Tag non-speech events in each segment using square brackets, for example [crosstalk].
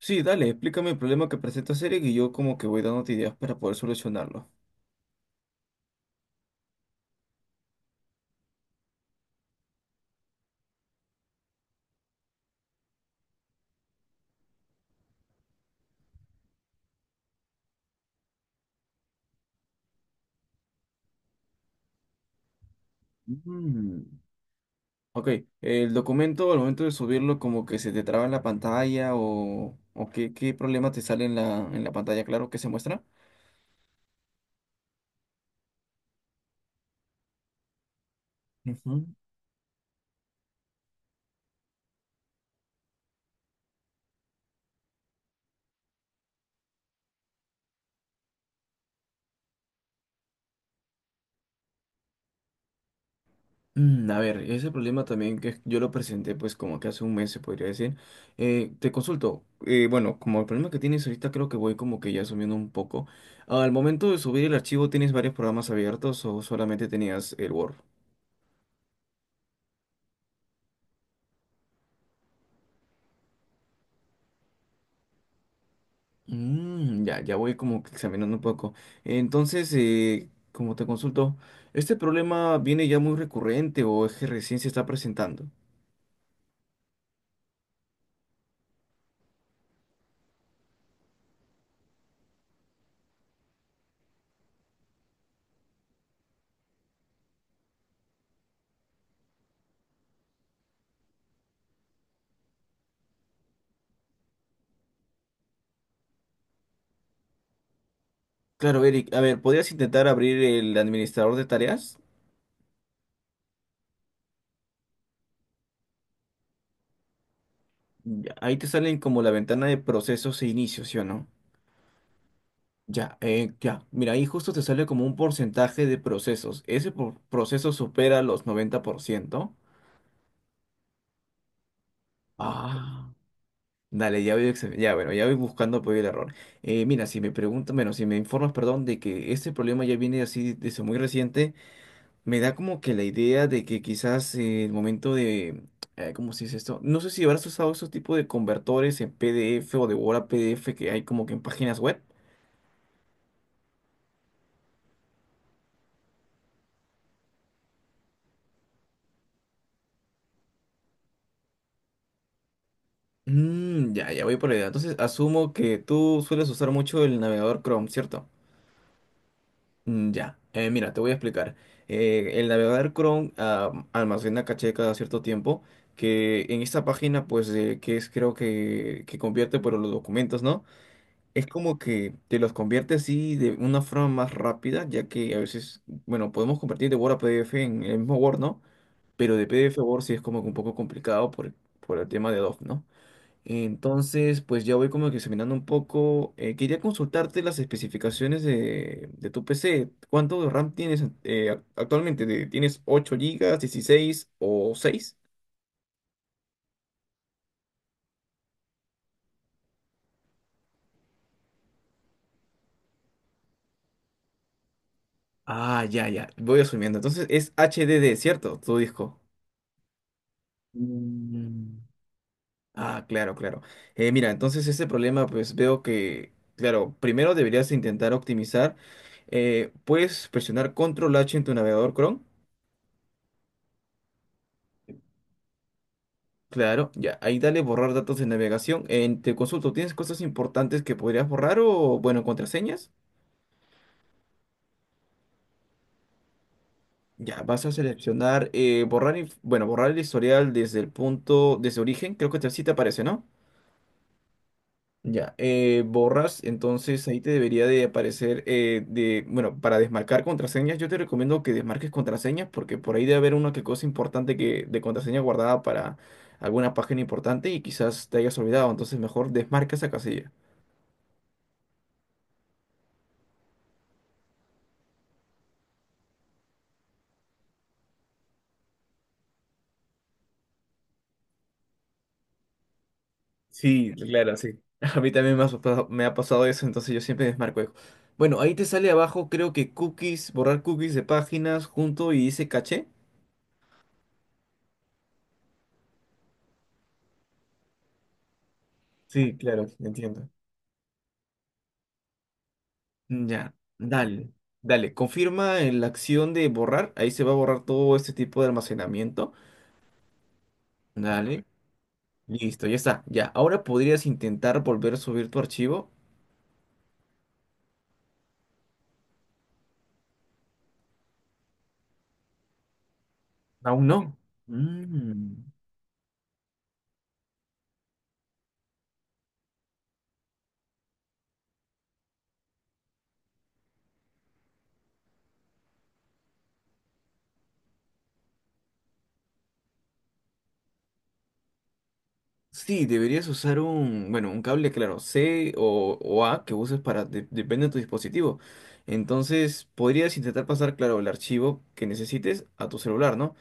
Sí, dale, explícame el problema que presenta Eric y yo como que voy dándote ideas para poder solucionarlo. Mm, ok, el documento al momento de subirlo como que se te traba en la pantalla o qué, qué problema te sale en la pantalla, claro, que se muestra. Ujú. Mm, a ver, ese problema también que yo lo presenté pues como que hace un mes se podría decir. Te consulto, bueno, como el problema que tienes ahorita creo que voy como que ya asumiendo un poco. Al momento de subir el archivo, ¿tienes varios programas abiertos o solamente tenías el Word? Mm, ya, ya voy como que examinando un poco. Entonces, como te consulto, ¿este problema viene ya muy recurrente o es que recién se está presentando? Claro, Eric, a ver, ¿podrías intentar abrir el administrador de tareas? Ya, ahí te salen como la ventana de procesos e inicios, ¿sí o no? Ya, ya. Mira, ahí justo te sale como un porcentaje de procesos. Ese proceso supera los 90%. Ah. Dale, ya voy, ya, bueno, ya voy buscando apoyo el error. Mira, si me preguntas, bueno, si me informas, perdón, de que este problema ya viene así desde muy reciente, me da como que la idea de que quizás el momento de, ¿cómo se dice esto? No sé si habrás usado esos tipos de convertores en PDF o de Word a PDF que hay como que en páginas web. Mm, ya, ya voy por la idea. Entonces, asumo que tú sueles usar mucho el navegador Chrome, ¿cierto? Mm, ya, mira, te voy a explicar. El navegador Chrome almacena caché cada cierto tiempo, que en esta página, pues, que es creo que convierte por los documentos, ¿no? Es como que te los convierte así de una forma más rápida, ya que a veces, bueno, podemos convertir de Word a PDF en el mismo Word, ¿no? Pero de PDF a Word sí es como que un poco complicado por el tema de DOF, ¿no? Entonces, pues ya voy como que examinando un poco. Quería consultarte las especificaciones de tu PC. ¿Cuánto de RAM tienes actualmente? Tienes 8 gigas, 16 o 6? Ah, ya, voy asumiendo. Entonces es HDD, ¿cierto? Tu disco. Mm, ah, claro, claro. Mira, entonces ese problema, pues veo que, claro, primero deberías intentar optimizar. Puedes presionar Control H en tu navegador Chrome. Claro, ya, ahí dale borrar datos de navegación. En, te consulto, ¿tienes cosas importantes que podrías borrar o, bueno, contraseñas? Ya, vas a seleccionar borrar, bueno, borrar el historial desde el punto, desde origen, creo que sí te aparece, ¿no? Ya, borras, entonces ahí te debería de aparecer, de, bueno, para desmarcar contraseñas, yo te recomiendo que desmarques contraseñas porque por ahí debe haber una que cosa importante que, de contraseña guardada para alguna página importante y quizás te hayas olvidado, entonces mejor desmarca esa casilla. Sí, claro, sí. [laughs] A mí también me ha me ha pasado eso, entonces yo siempre desmarco eso. Bueno, ahí te sale abajo, creo que cookies, borrar cookies de páginas junto y dice caché. Sí, claro, entiendo. Ya, dale. Confirma en la acción de borrar. Ahí se va a borrar todo este tipo de almacenamiento. Dale, listo, ya está. Ya, ahora podrías intentar volver a subir tu archivo. Aún no. Mm. Sí, deberías usar un, bueno, un cable, claro, C o A que uses para, depende de tu dispositivo. Entonces, podrías intentar pasar, claro, el archivo que necesites a tu celular, ¿no?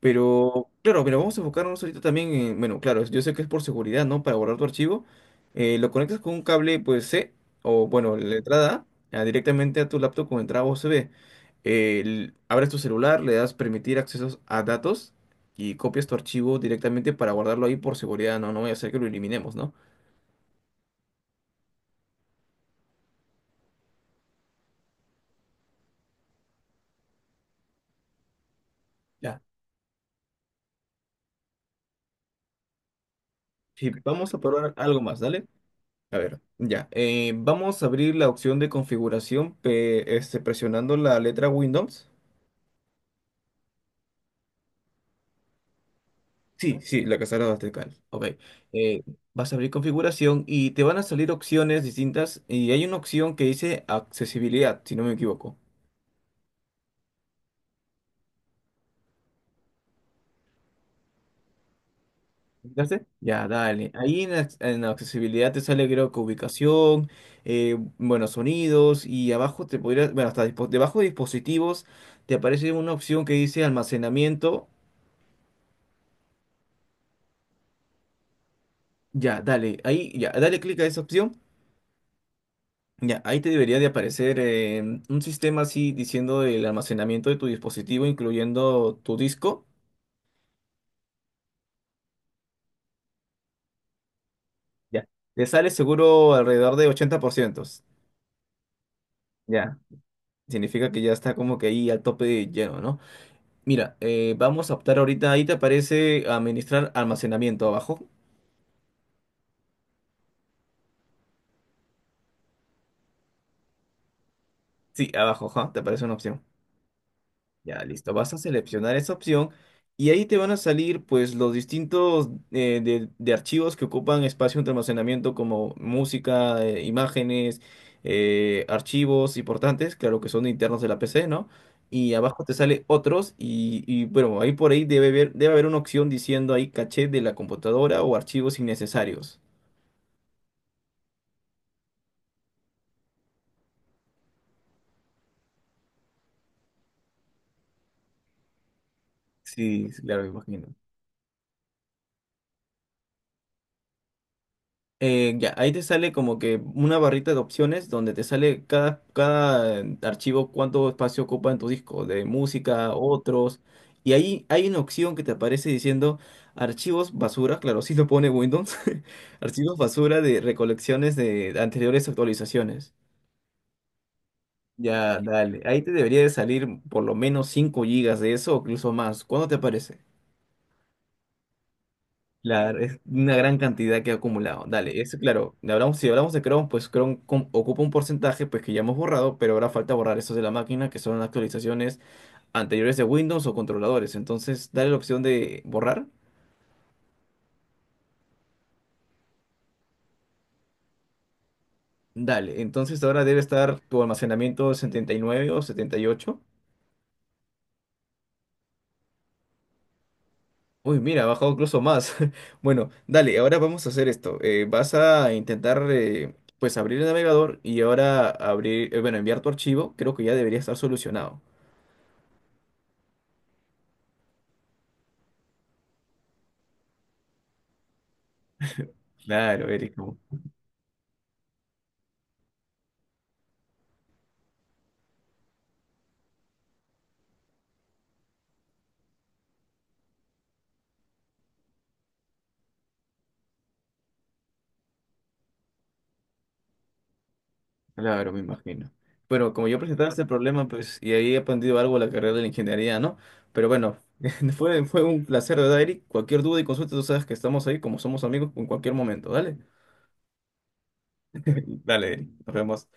Pero, claro, pero vamos a enfocarnos ahorita también en, bueno, claro, yo sé que es por seguridad, ¿no? Para guardar tu archivo, lo conectas con un cable, pues, C, o bueno, la entrada A, a directamente a tu laptop con entrada USB. Abres tu celular, le das permitir accesos a datos y copias tu archivo directamente para guardarlo ahí por seguridad, ¿no? No voy a hacer que lo eliminemos, ¿no? Ya. Sí, vamos a probar algo más, dale. A ver, ya. Vamos a abrir la opción de configuración, este, presionando la letra Windows. Sí, sí, la cazadora bastarcal. Ok. Eh, Vas a abrir configuración y te van a salir opciones distintas y hay una opción que dice accesibilidad, si no me equivoco. ¿Entraste? Ya, dale. Ahí en, en accesibilidad te sale creo que ubicación, bueno, sonidos y abajo te podría, bueno, hasta debajo de dispositivos te aparece una opción que dice almacenamiento. Ya, dale. Ahí, ya, dale clic a esa opción. Ya, ahí te debería de aparecer un sistema así diciendo el almacenamiento de tu dispositivo, incluyendo tu disco. Ya. Te sale seguro alrededor de 80%. Ya. Significa que ya está como que ahí al tope de lleno, ¿no? Mira, vamos a optar ahorita, ahí te aparece administrar almacenamiento abajo. Sí, abajo, ajá, te aparece una opción. Ya, listo. Vas a seleccionar esa opción y ahí te van a salir pues los distintos de archivos que ocupan espacio de almacenamiento como música, imágenes, archivos importantes, claro que son internos de la PC, ¿no? Y abajo te sale otros y, bueno, ahí por ahí debe haber una opción diciendo ahí caché de la computadora o archivos innecesarios. Sí, sí, claro, me imagino. Ya, ahí te sale como que una barrita de opciones donde te sale cada archivo cuánto espacio ocupa en tu disco, de música, otros. Y ahí hay una opción que te aparece diciendo archivos basura, claro, sí lo pone Windows, [laughs] archivos basura de recolecciones de anteriores actualizaciones. Ya, dale, ahí te debería de salir por lo menos 5 gigas de eso o incluso más. ¿Cuándo te aparece? Claro, es una gran cantidad que ha acumulado. Dale, eso claro, le hablamos, si hablamos de Chrome, pues Chrome ocupa un porcentaje pues que ya hemos borrado, pero ahora falta borrar esos de la máquina que son actualizaciones anteriores de Windows o controladores. Entonces, dale la opción de borrar. Dale, entonces ahora debe estar tu almacenamiento 79 o 78. Uy, mira, ha bajado incluso más. [laughs] Bueno, dale, ahora vamos a hacer esto. Vas a intentar pues abrir el navegador y ahora abrir, bueno, enviar tu archivo. Creo que ya debería estar solucionado. Claro, Eric, como- claro, me imagino. Bueno, como yo presentaba este problema, pues, y ahí he aprendido algo de la carrera de la ingeniería, ¿no? Pero bueno, [laughs] fue un placer, ¿verdad, Eric? Cualquier duda y consulta, tú sabes que estamos ahí como somos amigos en cualquier momento, ¿dale? [laughs] Dale, Eric, nos vemos.